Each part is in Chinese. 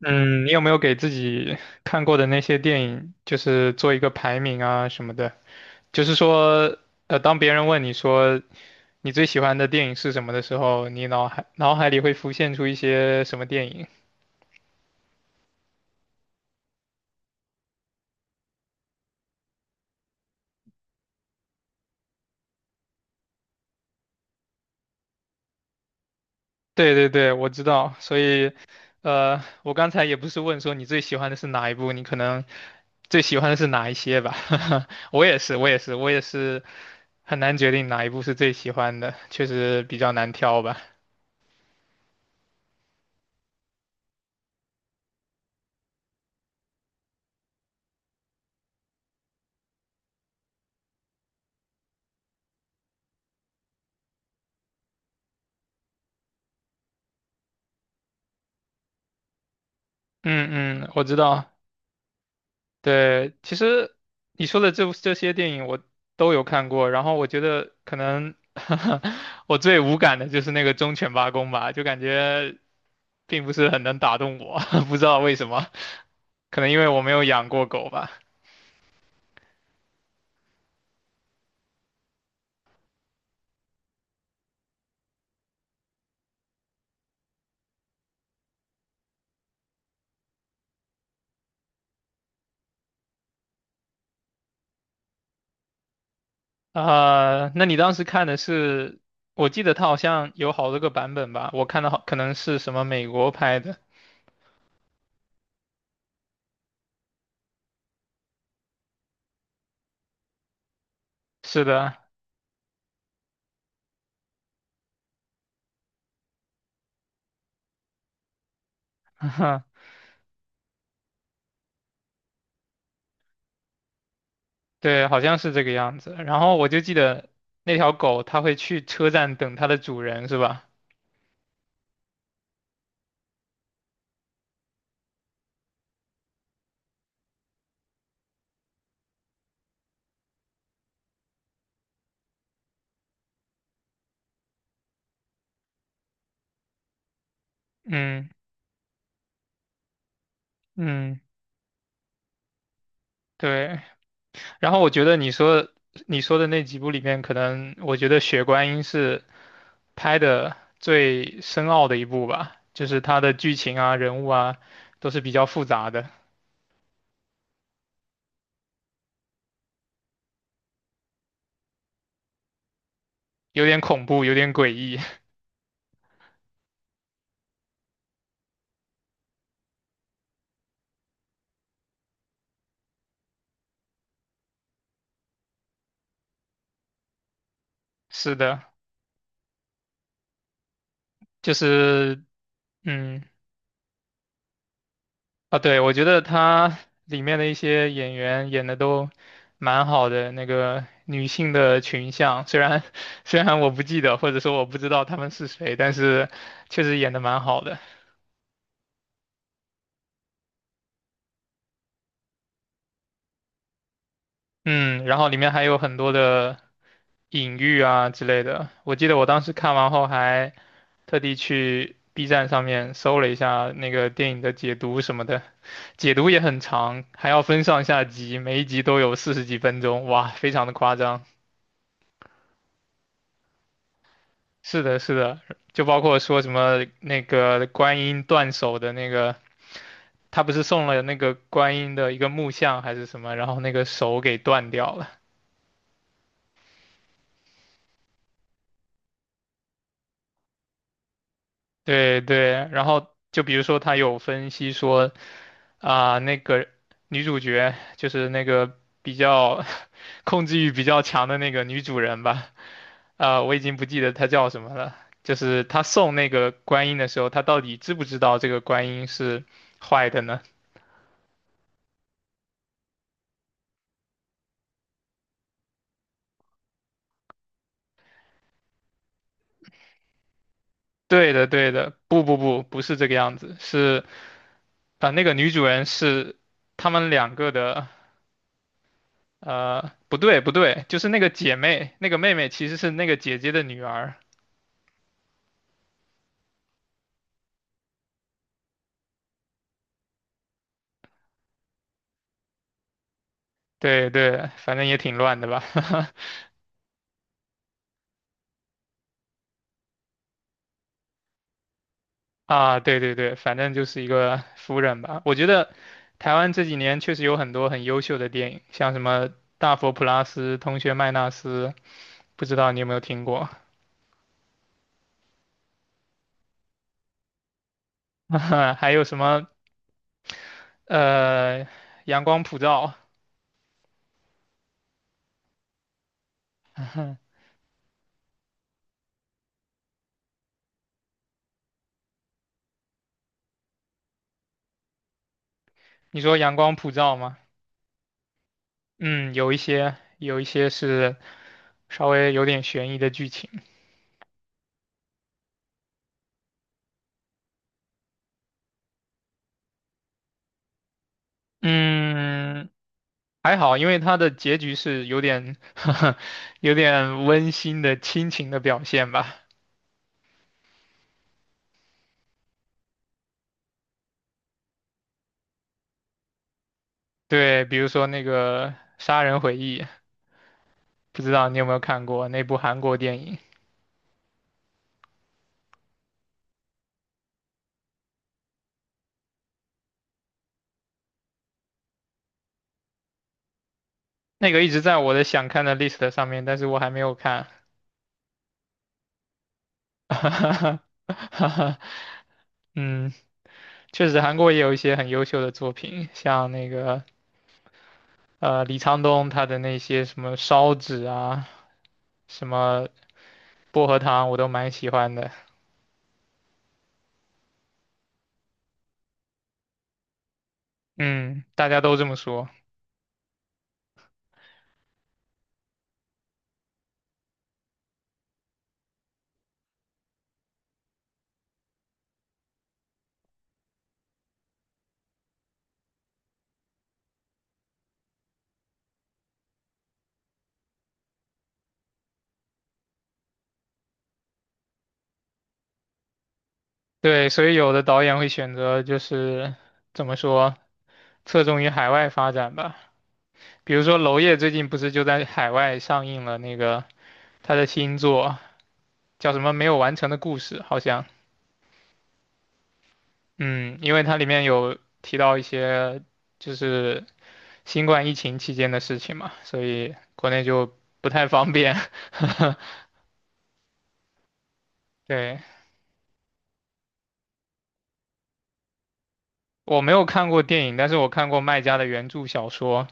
嗯，你有没有给自己看过的那些电影，就是做一个排名啊什么的？就是说，当别人问你说你最喜欢的电影是什么的时候，你脑海里会浮现出一些什么电影？对对对，我知道。所以，我刚才也不是问说你最喜欢的是哪一部，你可能最喜欢的是哪一些吧？我也是，我也是，我也是很难决定哪一部是最喜欢的，确实比较难挑吧。嗯嗯，我知道。对，其实你说的这些电影我都有看过，然后我觉得可能 我最无感的就是那个忠犬八公吧，就感觉并不是很能打动我，不知道为什么，可能因为我没有养过狗吧。啊、那你当时看的是，我记得它好像有好多个版本吧，我看的好可能是什么美国拍的，是的，对，好像是这个样子。然后我就记得那条狗，它会去车站等它的主人，是吧？嗯嗯，对。然后我觉得你说你说的那几部里面，可能我觉得《血观音》是拍的最深奥的一部吧，就是它的剧情啊、人物啊都是比较复杂的，有点恐怖，有点诡异。是的，就是嗯。啊，对，我觉得他里面的一些演员演的都蛮好的，那个女性的群像，虽然 虽然我不记得，或者说我不知道他们是谁，但是确实演的蛮好的。嗯，然后里面还有很多的隐喻啊之类的。我记得我当时看完后还特地去 B 站上面搜了一下那个电影的解读什么的，解读也很长，还要分上下集，每一集都有40几分钟，哇，非常的夸张。是的，是的，就包括说什么那个观音断手的那个，他不是送了那个观音的一个木像还是什么，然后那个手给断掉了。对对，然后就比如说他有分析说啊、那个女主角就是那个比较 控制欲比较强的那个女主人吧，啊、我已经不记得她叫什么了。就是她送那个观音的时候，她到底知不知道这个观音是坏的呢？对的，对的，不不不，不是这个样子，是啊、那个女主人是他们两个的，不对不对，就是那个姐妹，那个妹妹其实是那个姐姐的女儿，对对，反正也挺乱的吧，啊，对对对，反正就是一个夫人吧。我觉得台湾这几年确实有很多很优秀的电影，像什么《大佛普拉斯》《同学麦纳斯》，不知道你有没有听过，还有什么呃《阳光普照》你说阳光普照吗？嗯，有一些，有一些是稍微有点悬疑的剧情。嗯，还好，因为它的结局是有点 有点温馨的亲情的表现吧。对，比如说那个《杀人回忆》，不知道你有没有看过那部韩国电影？那个一直在我的想看的 list 上面，但是我还没有看。嗯，确实韩国也有一些很优秀的作品，像那个李沧东他的那些什么烧纸啊，什么薄荷糖，我都蛮喜欢的。嗯，大家都这么说。对，所以有的导演会选择就是怎么说，侧重于海外发展吧。比如说娄烨最近不是就在海外上映了那个他的新作，叫什么《没有完成的故事》，好像。嗯，因为它里面有提到一些就是新冠疫情期间的事情嘛，所以国内就不太方便。对。我没有看过电影，但是我看过卖家的原著小说。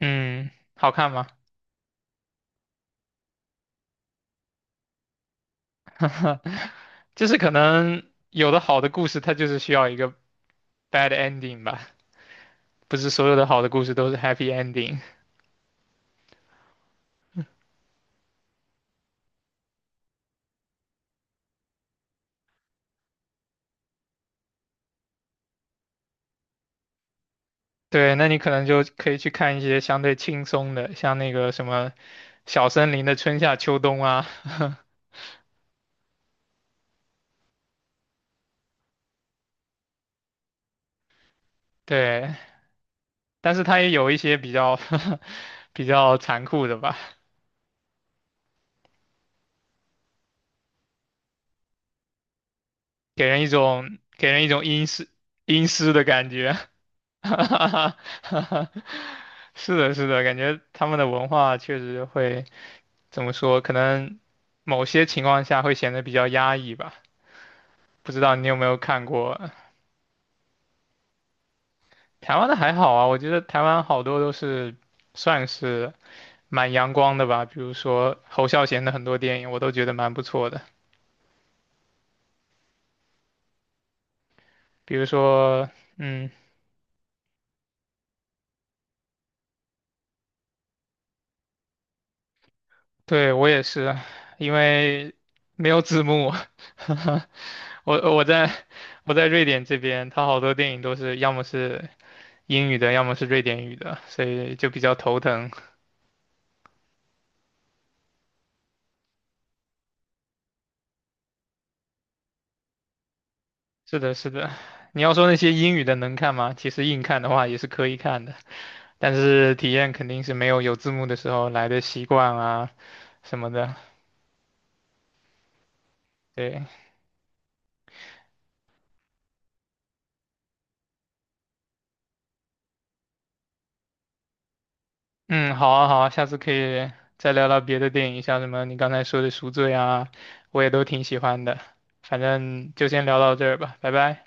嗯，好看吗？就是可能有的好的故事，它就是需要一个 bad ending 吧，不是所有的好的故事都是 happy ending。对，那你可能就可以去看一些相对轻松的，像那个什么《小森林的春夏秋冬》啊，对，但是它也有一些比较 比较残酷的吧，给人一种给人一种阴湿的感觉。哈哈哈哈哈！是的，是的，感觉他们的文化确实会怎么说？可能某些情况下会显得比较压抑吧。不知道你有没有看过台湾的还好啊，我觉得台湾好多都是算是蛮阳光的吧。比如说侯孝贤的很多电影，我都觉得蛮不错的。比如说，嗯，对，我也是，因为没有字幕。我我在我在瑞典这边，它好多电影都是要么是英语的，要么是瑞典语的，所以就比较头疼。是的，是的。你要说那些英语的能看吗？其实硬看的话也是可以看的，但是体验肯定是没有有字幕的时候来的习惯啊什么的。对。嗯，好啊，好啊，下次可以再聊聊别的电影，像什么你刚才说的《赎罪》啊，我也都挺喜欢的。反正就先聊到这儿吧，拜拜。